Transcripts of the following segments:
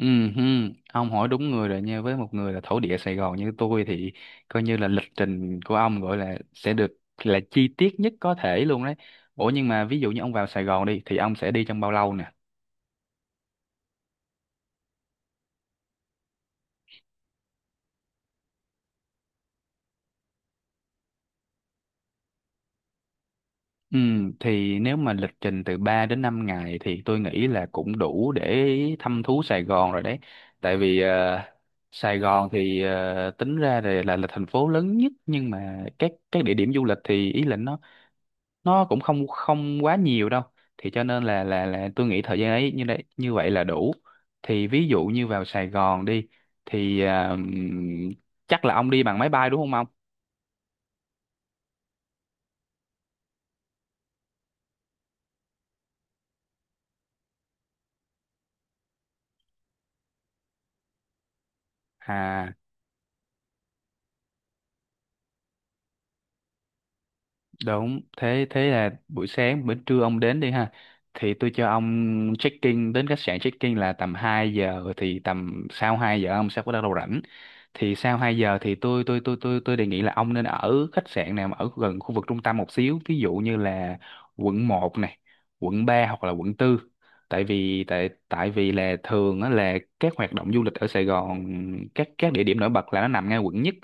Ừ, hừ, ông hỏi đúng người rồi nha. Với một người là thổ địa Sài Gòn như tôi thì coi như là lịch trình của ông gọi là sẽ được chi tiết nhất có thể luôn đấy. Ủa nhưng mà ví dụ như ông vào Sài Gòn đi thì ông sẽ đi trong bao lâu nè? Ừ, thì nếu mà lịch trình từ 3 đến 5 ngày thì tôi nghĩ là cũng đủ để thăm thú Sài Gòn rồi đấy. Tại vì Sài Gòn thì tính ra là thành phố lớn nhất, nhưng mà các địa điểm du lịch thì ý là nó cũng không không quá nhiều đâu. Thì cho nên là tôi nghĩ thời gian ấy như đấy như vậy là đủ. Thì ví dụ như vào Sài Gòn đi thì chắc là ông đi bằng máy bay đúng không ông à? Đúng, thế thế là buổi sáng bữa trưa ông đến đi ha. Thì tôi cho ông check-in đến khách sạn, check-in là tầm 2 giờ thì tầm sau 2 giờ ông sẽ bắt đầu rảnh. Thì sau 2 giờ thì tôi đề nghị là ông nên ở khách sạn nào mà ở gần khu vực trung tâm một xíu, ví dụ như là quận một này, quận 3 hoặc là quận tư. Tại vì là thường á là các hoạt động du lịch ở Sài Gòn, các địa điểm nổi bật là nó nằm ngay quận nhất.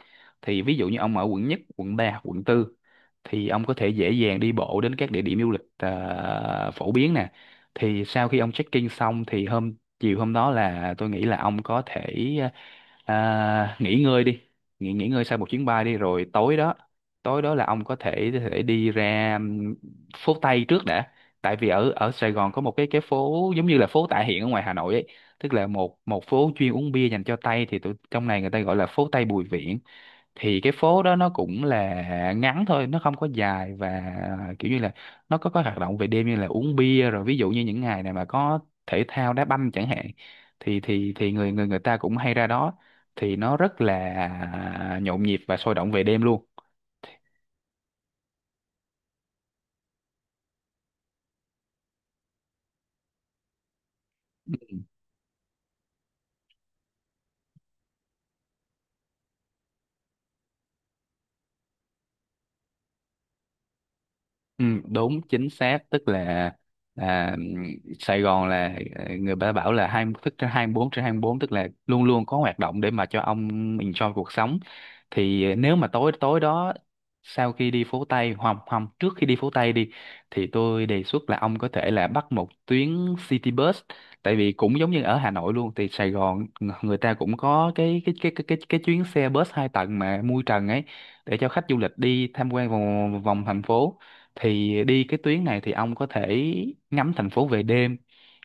Thì ví dụ như ông ở quận nhất, quận 3 hoặc quận tư thì ông có thể dễ dàng đi bộ đến các địa điểm du lịch phổ biến nè. Thì sau khi ông check-in xong thì chiều hôm đó là tôi nghĩ là ông có thể nghỉ ngơi đi, nghỉ nghỉ ngơi sau một chuyến bay đi. Rồi tối đó, là ông có thể thể đi ra phố Tây trước đã. Tại vì ở ở Sài Gòn có một cái phố giống như là phố Tạ Hiện ở ngoài Hà Nội ấy, tức là một một phố chuyên uống bia dành cho Tây, thì tụi trong này người ta gọi là phố Tây Bùi Viện. Thì cái phố đó nó cũng là ngắn thôi, nó không có dài, và kiểu như là nó có hoạt động về đêm như là uống bia, rồi ví dụ như những ngày này mà có thể thao đá banh chẳng hạn thì người người người ta cũng hay ra đó, thì nó rất là nhộn nhịp và sôi động về đêm luôn. Ừ, đúng chính xác, tức là là ừm, Sài Gòn là người ta bảo là hai thức trên 24 trên 24, tức là luôn luôn có hoạt động để mà cho ông enjoy cuộc sống. Thì nếu mà tối tối đó, sau khi đi phố Tây hoặc không, trước khi đi phố Tây đi, thì tôi đề xuất là ông có thể là bắt một tuyến city bus. Tại vì cũng giống như ở Hà Nội luôn, thì Sài Gòn người ta cũng có cái chuyến xe bus hai tầng mà mui trần ấy, để cho khách du lịch đi tham quan vòng vòng thành phố. Thì đi cái tuyến này thì ông có thể ngắm thành phố về đêm,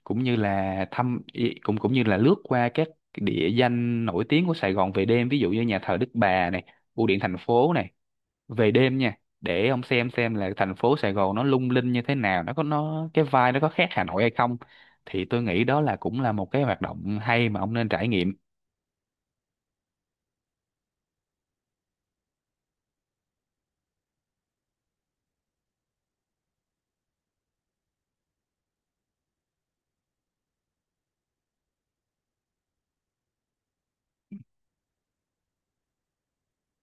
cũng như là cũng cũng như là lướt qua các địa danh nổi tiếng của Sài Gòn về đêm, ví dụ như nhà thờ Đức Bà này, bưu điện thành phố này, về đêm nha, để ông xem là thành phố Sài Gòn nó lung linh như thế nào, nó có nó cái vibe nó có khác Hà Nội hay không. Thì tôi nghĩ đó là cũng là một cái hoạt động hay mà ông nên trải nghiệm.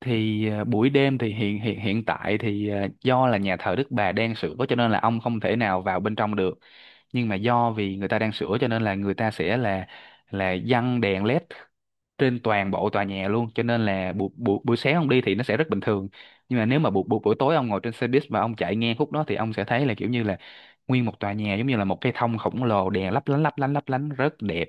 Thì buổi đêm thì hiện hiện hiện tại thì do là nhà thờ Đức Bà đang sửa cho nên là ông không thể nào vào bên trong được. Nhưng mà do vì người ta đang sửa cho nên là người ta sẽ là giăng đèn led trên toàn bộ tòa nhà luôn, cho nên là buổi buổi buổi sáng ông đi thì nó sẽ rất bình thường, nhưng mà nếu mà buổi buổi buổi tối ông ngồi trên xe buýt và ông chạy ngang khúc đó thì ông sẽ thấy là kiểu như là nguyên một tòa nhà giống như là một cái thông khổng lồ, đèn lấp lánh lấp lánh lấp lánh rất đẹp.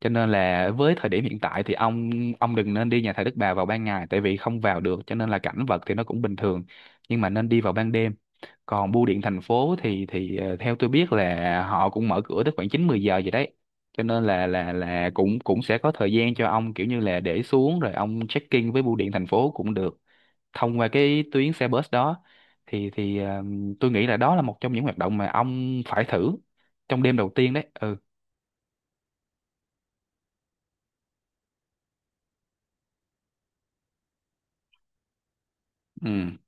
Cho nên là với thời điểm hiện tại thì ông đừng nên đi nhà thờ Đức Bà vào ban ngày, tại vì không vào được cho nên là cảnh vật thì nó cũng bình thường, nhưng mà nên đi vào ban đêm. Còn bưu điện thành phố thì theo tôi biết là họ cũng mở cửa tới khoảng chín mười giờ vậy đấy, cho nên là cũng cũng sẽ có thời gian cho ông kiểu như là để xuống rồi ông check in với bưu điện thành phố cũng được, thông qua cái tuyến xe bus đó. Thì tôi nghĩ là đó là một trong những hoạt động mà ông phải thử trong đêm đầu tiên đấy. Ừ, ừ,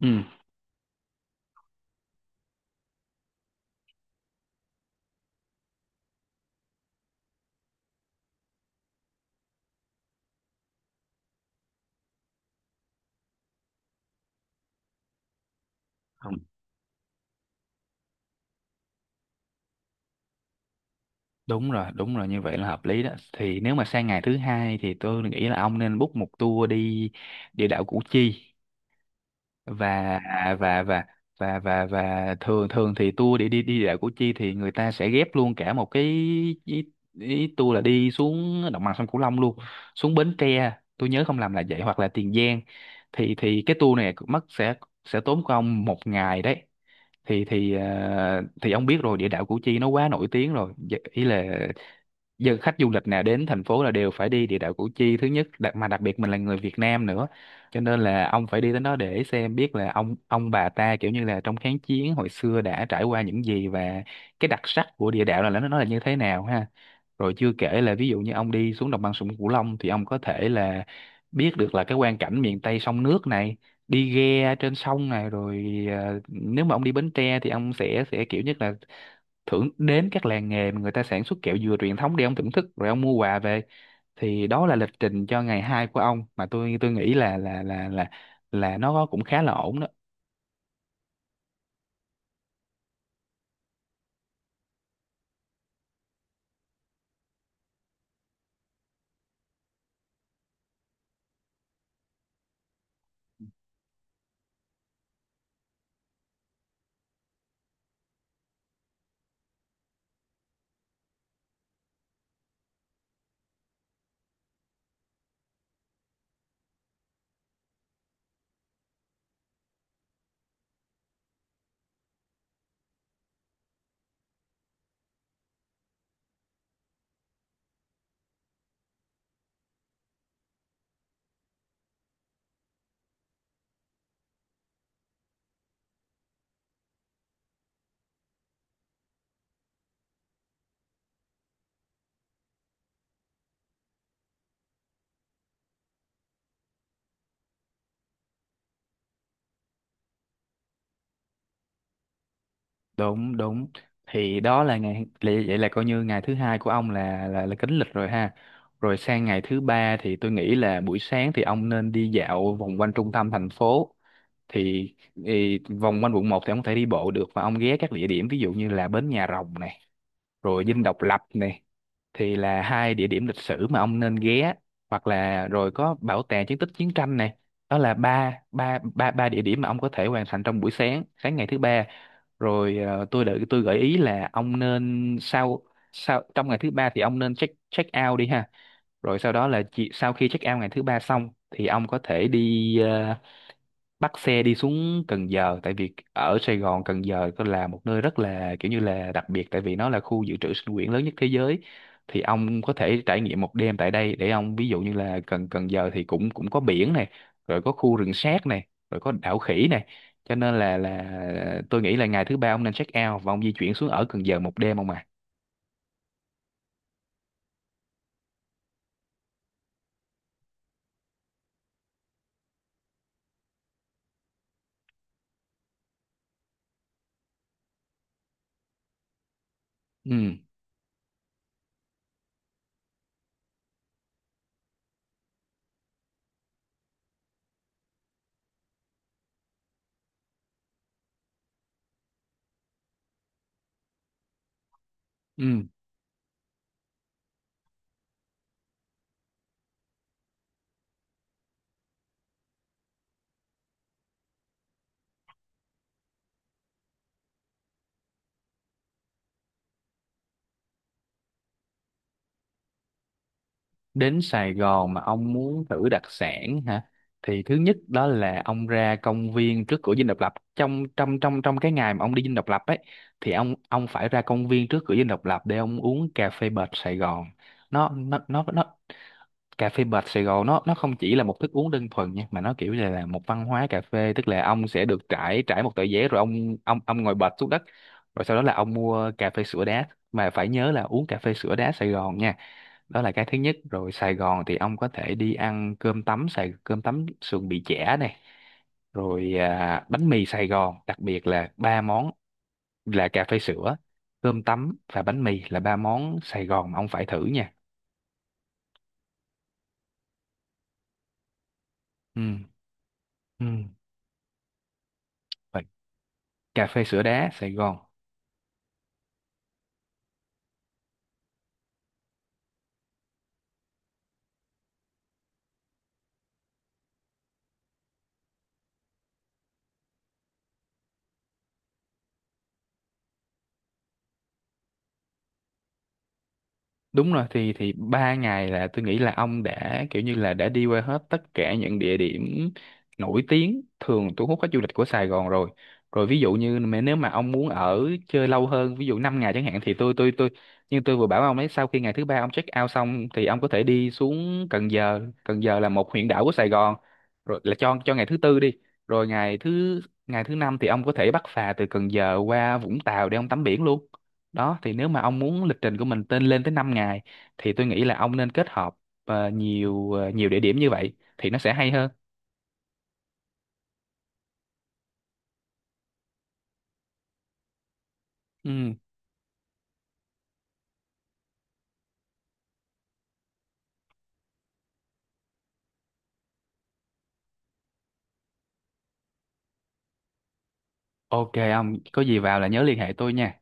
ừ. Không, đúng rồi, đúng rồi, như vậy là hợp lý đó. Thì nếu mà sang ngày thứ hai thì tôi nghĩ là ông nên book một tour đi địa đạo Củ Chi. Và và và thường thường thì tour để đi đi đảo Củ Chi thì người ta sẽ ghép luôn cả một cái ý, ý tour là đi xuống đồng bằng sông Cửu Long luôn, xuống Bến Tre tôi nhớ không lầm là vậy, hoặc là Tiền Giang. Thì cái tour này mất sẽ tốn của ông một ngày đấy. Thì thì ông biết rồi, địa đạo Củ Chi nó quá nổi tiếng rồi. Dạ, ý là giờ khách du lịch nào đến thành phố là đều phải đi địa đạo Củ Chi thứ nhất. Mà đặc biệt mình là người Việt Nam nữa, cho nên là ông phải đi đến đó để xem biết là ông bà ta kiểu như là trong kháng chiến hồi xưa đã trải qua những gì, và cái đặc sắc của địa đạo là nó là như thế nào ha. Rồi chưa kể là ví dụ như ông đi xuống đồng bằng sông Cửu Long thì ông có thể là biết được là cái quang cảnh miền Tây sông nước này, đi ghe trên sông này, rồi nếu mà ông đi Bến Tre thì ông sẽ kiểu nhất là thưởng đến các làng nghề mà người ta sản xuất kẹo dừa truyền thống để ông thưởng thức rồi ông mua quà về. Thì đó là lịch trình cho ngày hai của ông mà tôi nghĩ là nó cũng khá là ổn đó. Đúng, đúng, thì đó là vậy là coi như ngày thứ hai của ông là kính lịch rồi ha. Rồi sang ngày thứ ba thì tôi nghĩ là buổi sáng thì ông nên đi dạo vòng quanh trung tâm thành phố. Thì vòng quanh quận một thì ông có thể đi bộ được, và ông ghé các địa điểm ví dụ như là bến Nhà Rồng nè, rồi Dinh Độc Lập này, thì là hai địa điểm lịch sử mà ông nên ghé, hoặc là rồi có bảo tàng chiến tích chiến tranh này. Đó là ba ba ba ba địa điểm mà ông có thể hoàn thành trong buổi sáng, ngày thứ ba. Rồi ờ, tôi gợi ý là ông nên sau sau trong ngày thứ ba thì ông nên check check out đi ha. Rồi sau đó là sau khi check out ngày thứ ba xong thì ông có thể đi bắt xe đi xuống Cần Giờ. Tại vì ở Sài Gòn, Cần Giờ có là một nơi rất là kiểu như là đặc biệt, tại vì nó là khu dự trữ sinh quyển lớn nhất thế giới. Thì ông có thể trải nghiệm một đêm tại đây, để ông ví dụ như là Cần Cần Giờ thì cũng cũng có biển này, rồi có khu rừng sát này, rồi có đảo khỉ này. Cho nên là tôi nghĩ là ngày thứ ba ông nên check out và ông di chuyển xuống ở Cần Giờ một đêm ông à. Ừ, ừ. Đến Sài Gòn mà ông muốn thử đặc sản hả? Thì thứ nhất đó là ông ra công viên trước cửa Dinh Độc Lập trong trong trong trong cái ngày mà ông đi Dinh Độc Lập ấy, thì ông phải ra công viên trước cửa Dinh Độc Lập để ông uống cà phê bệt Sài Gòn. Nó Cà phê bệt Sài Gòn nó không chỉ là một thức uống đơn thuần nha, mà nó kiểu như là một văn hóa cà phê, tức là ông sẽ được trải trải một tờ giấy rồi ông ngồi bệt xuống đất, rồi sau đó là ông mua cà phê sữa đá, mà phải nhớ là uống cà phê sữa đá Sài Gòn nha. Đó là cái thứ nhất. Rồi Sài Gòn thì ông có thể đi ăn cơm tấm, cơm tấm sườn bì chả này, rồi bánh mì Sài Gòn. Đặc biệt là ba món là cà phê sữa, cơm tấm và bánh mì là ba món Sài Gòn mà ông phải thử nha. Ừ, ừ. Và cà phê sữa đá Sài Gòn. Đúng rồi, thì ba ngày là tôi nghĩ là ông đã kiểu như là đã đi qua hết tất cả những địa điểm nổi tiếng thường thu hút khách du lịch của Sài Gòn rồi. Rồi ví dụ như mà nếu mà ông muốn ở chơi lâu hơn, ví dụ 5 ngày chẳng hạn, thì tôi nhưng tôi vừa bảo ông ấy sau khi ngày thứ ba ông check out xong thì ông có thể đi xuống Cần Giờ, Cần Giờ là một huyện đảo của Sài Gòn. Rồi là cho ngày thứ tư đi. Rồi ngày thứ năm thì ông có thể bắt phà từ Cần Giờ qua Vũng Tàu để ông tắm biển luôn đó. Thì nếu mà ông muốn lịch trình của mình tên lên tới 5 ngày thì tôi nghĩ là ông nên kết hợp nhiều địa điểm như vậy thì nó sẽ hay hơn. Ừ, ok, ông có gì vào là nhớ liên hệ tôi nha.